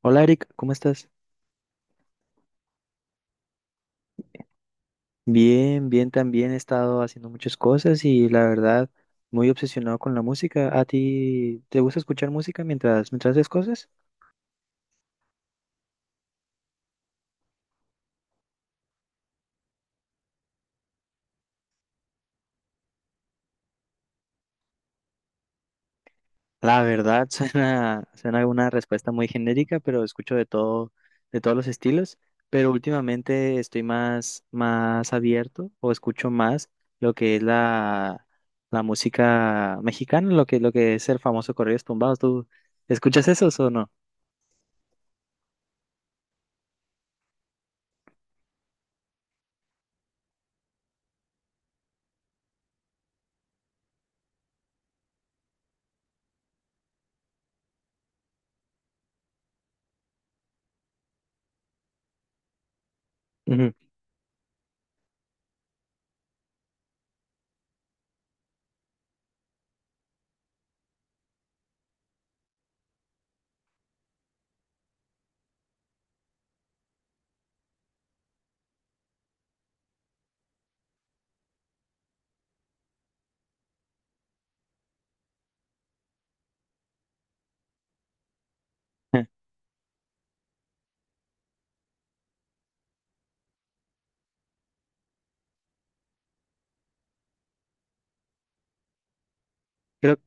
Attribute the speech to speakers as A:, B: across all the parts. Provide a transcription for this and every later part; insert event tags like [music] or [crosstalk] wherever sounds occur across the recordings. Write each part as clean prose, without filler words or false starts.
A: Hola Eric, ¿cómo estás? Bien, bien, también he estado haciendo muchas cosas y la verdad muy obsesionado con la música. ¿A ti te gusta escuchar música mientras haces cosas? La verdad [laughs] suena una respuesta muy genérica, pero escucho de todo, de todos los estilos. Pero últimamente estoy más abierto o escucho más lo que es la, la música mexicana, lo que es el famoso Corridos Tumbados. ¿Tú escuchas esos o no? Ujú. [laughs] Creo.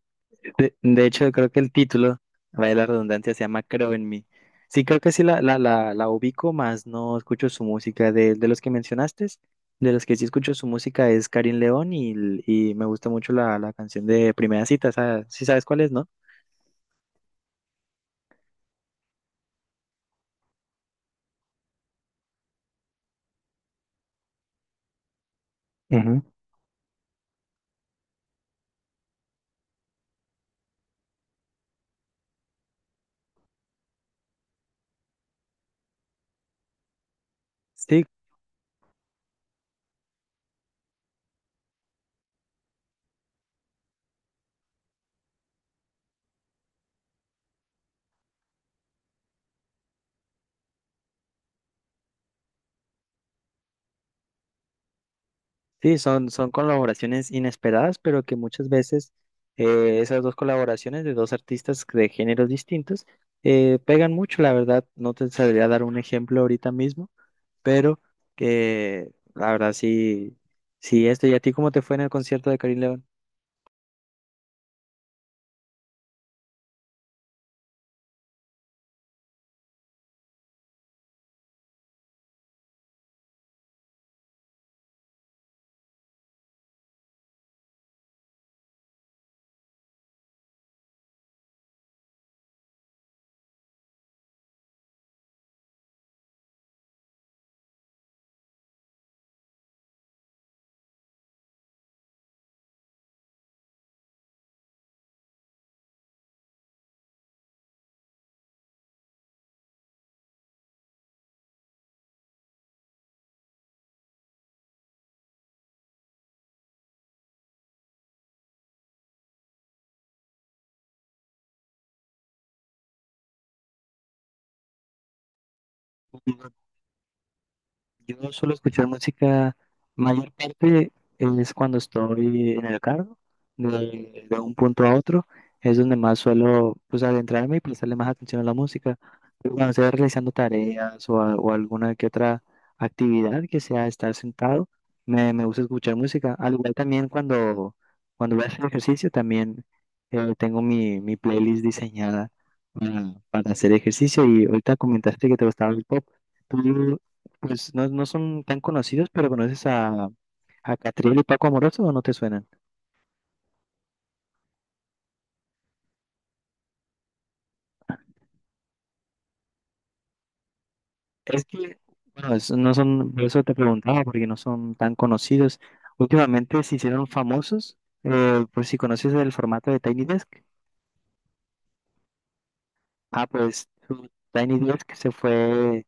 A: De hecho, creo que el título, vaya la redundancia, se llama Creo en mí. Sí, creo que sí la ubico, más no escucho su música. De los que mencionaste, de los que sí escucho su música es Karin León y me gusta mucho la canción de Primera Cita. Esa- sí sabes cuál es, ¿no? Ujú. Sí, sí, son colaboraciones inesperadas, pero que muchas veces esas dos colaboraciones de dos artistas de géneros distintos pegan mucho, la verdad. No te sabría dar un ejemplo ahorita mismo, pero que la verdad sí, sí esto. ¿Y a ti cómo te fue en el concierto de Karim León? Yo suelo escuchar música, mayor parte es cuando estoy en el carro, de un punto a otro, es donde más suelo, pues, adentrarme y prestarle más atención a la música. Pero cuando estoy realizando tareas o, a- o alguna que otra actividad que sea estar sentado, me gusta escuchar música. Al igual también cuando voy a hacer ejercicio, también tengo mi playlist diseñada para hacer ejercicio. Y ahorita comentaste que te gustaba el pop. Tú, pues no, no son tan conocidos, pero conoces a Catriel y Paco Amoroso o no te suenan. Es que, bueno, es- no son, por eso te preguntaba, porque no son tan conocidos. Últimamente se hicieron famosos, por si conoces el formato de Tiny Desk. Ah, pues su Tiny Desk se fue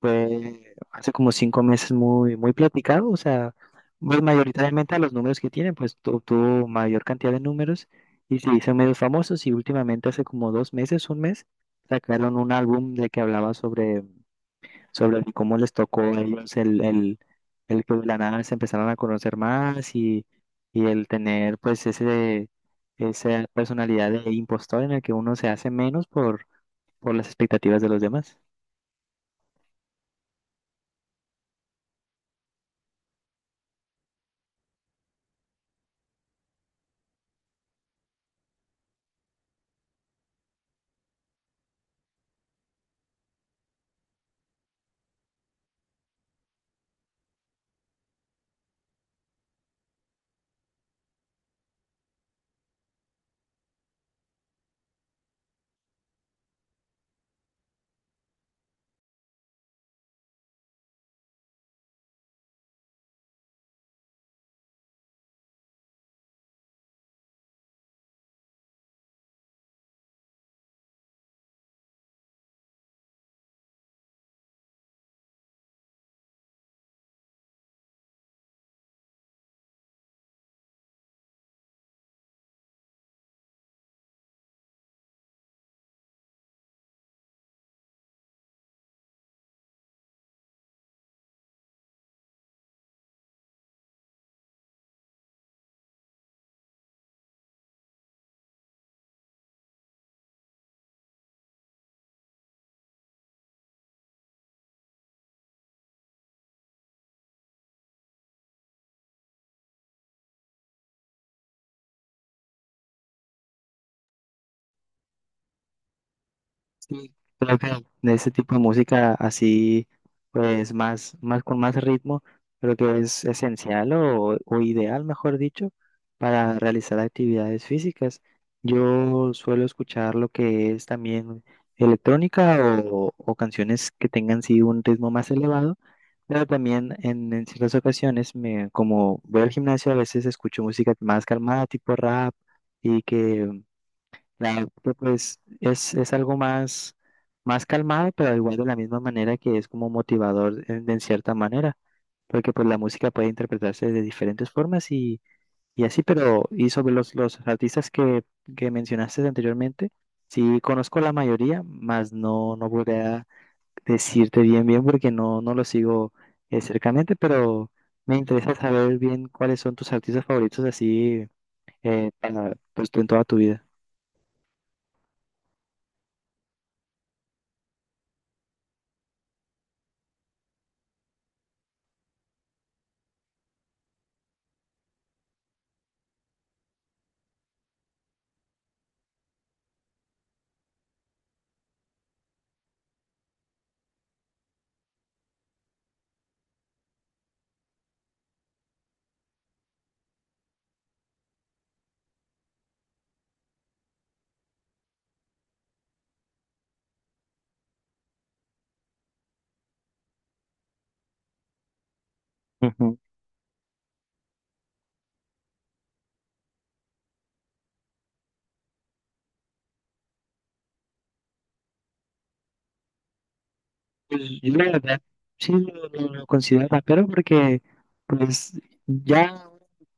A: fue hace como cinco meses muy platicado, o sea, pues mayoritariamente a los números que tienen, pues tu- tuvo mayor cantidad de números y se hizo medios famosos y últimamente hace como dos meses, un mes, sacaron un álbum de que hablaba sobre cómo les tocó a ellos el que de la nada se empezaron a conocer más y el tener pues esa personalidad de impostor en el que uno se hace menos por las expectativas de los demás. Sí, creo que de este tipo de música así, pues más con más ritmo, creo que es esencial o ideal, mejor dicho, para realizar actividades físicas. Yo suelo escuchar lo que es también electrónica o canciones que tengan sí un ritmo más elevado, pero también en ciertas ocasiones, me, como voy al gimnasio, a veces escucho música más calmada, tipo rap, y que. Claro, que pues es algo más calmado, pero igual de la misma manera que es como motivador en cierta manera, porque pues la música puede interpretarse de diferentes formas y así. Pero y sobre los artistas que mencionaste anteriormente, sí conozco la mayoría, más no, no podría decirte bien bien porque no, no lo sigo cercamente, pero me interesa saber bien cuáles son tus artistas favoritos así para, pues, en toda tu vida. Pues, yo la verdad sí lo considero rapero porque pues ya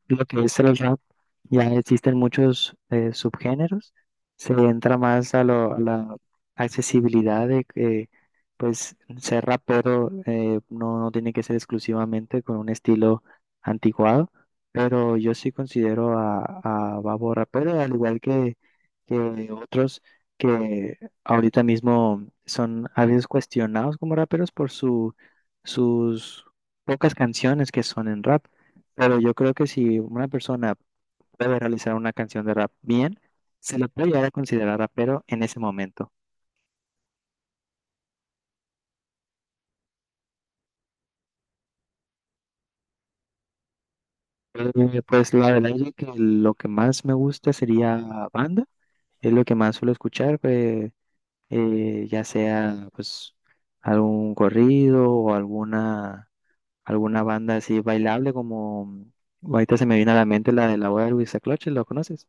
A: lo que es el rap, ya existen muchos subgéneros, se entra más a, lo- a la accesibilidad de que pues ser rapero no, no tiene que ser exclusivamente con un estilo anticuado, pero yo sí considero a Babo rapero, al igual que otros que ahorita mismo son a veces cuestionados como raperos por sus pocas canciones que son en rap. Pero yo creo que si una persona puede realizar una canción de rap bien, se le puede llegar a considerar rapero en ese momento. Pues la verdad es que lo que más me gusta sería banda, es lo que más suelo escuchar, pues, ya sea pues algún corrido o alguna banda así bailable como ahorita se me viene a la mente la de la boda de Luisa Cloche, ¿lo conoces?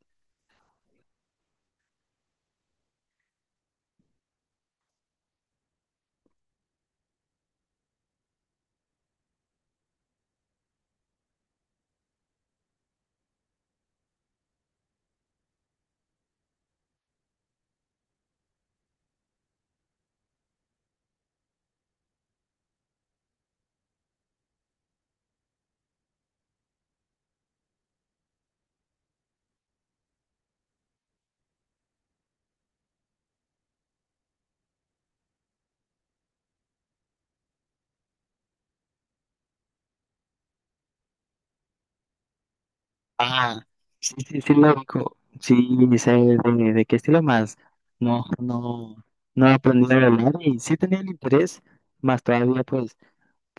A: Ah, sí, sí, sí, lo ubico. Sí, sé de qué estilo más. No, no, no aprendí a bailar y sí tenía el interés, más todavía pues.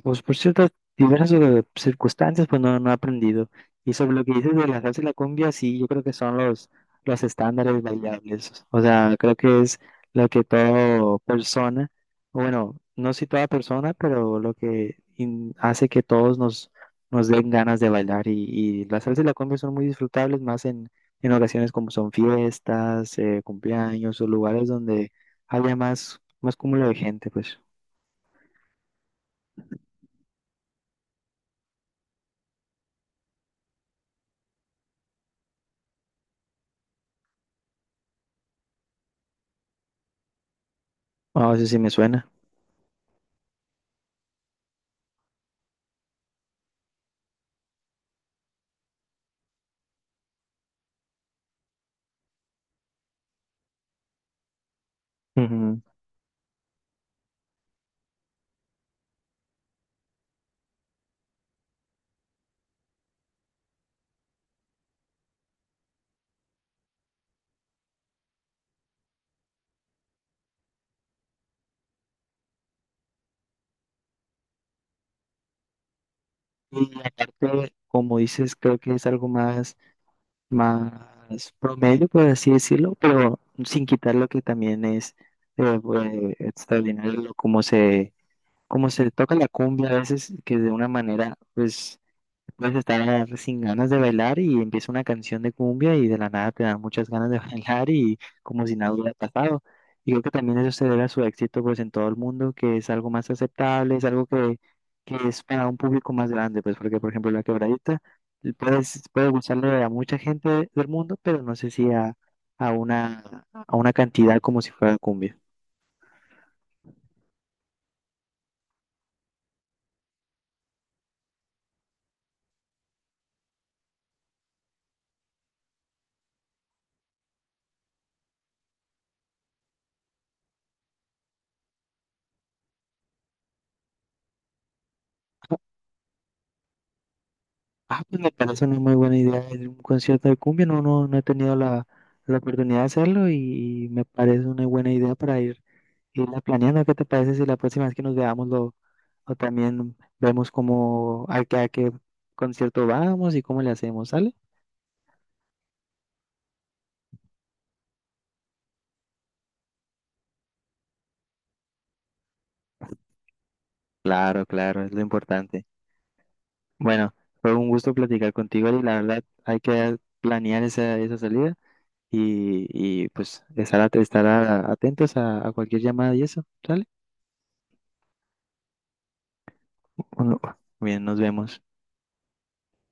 A: Pues por ciertas diversas circunstancias, pues no, no he aprendido. Y sobre lo que dices de la salsa y la cumbia, sí, yo creo que son los estándares bailables. O sea, creo que es lo que toda persona, o bueno, no si toda persona, pero lo que in- hace que todos nos den ganas de bailar. Y la salsa y la cumbia son muy disfrutables, más en ocasiones como son fiestas, cumpleaños o lugares donde haya más cúmulo de gente, pues. Ah, eso sí me suena. Ujú. Y aparte, como dices, creo que es algo más promedio, por así decirlo, pero sin quitar lo que también es pues, extraordinario, como se toca la cumbia a veces, que de una manera, pues vas a estar sin ganas de bailar y empieza una canción de cumbia y de la nada te dan muchas ganas de [laughs] bailar y como si nada hubiera pasado. Y creo que también eso se debe a su éxito pues en todo el mundo, que es algo más aceptable, es algo que es para un público más grande, pues porque por ejemplo la quebradita puedes, puede gustarle a mucha gente del mundo, pero no sé si a, a una cantidad como si fuera cumbia. Ah, pues me parece una muy buena idea ir un concierto de cumbia. No, no, no he tenido la oportunidad de hacerlo y me parece una buena idea para ir irla planeando. ¿Qué te parece si la próxima vez que nos veamos lo, o también vemos cómo a qué concierto vamos y cómo le hacemos, ¿sale? Claro, claro, es lo importante. Bueno, fue un gusto platicar contigo y la verdad hay que planear esa salida y pues estar, at- estar a- atentos a cualquier llamada y eso, ¿sale? Bueno, bien, nos vemos.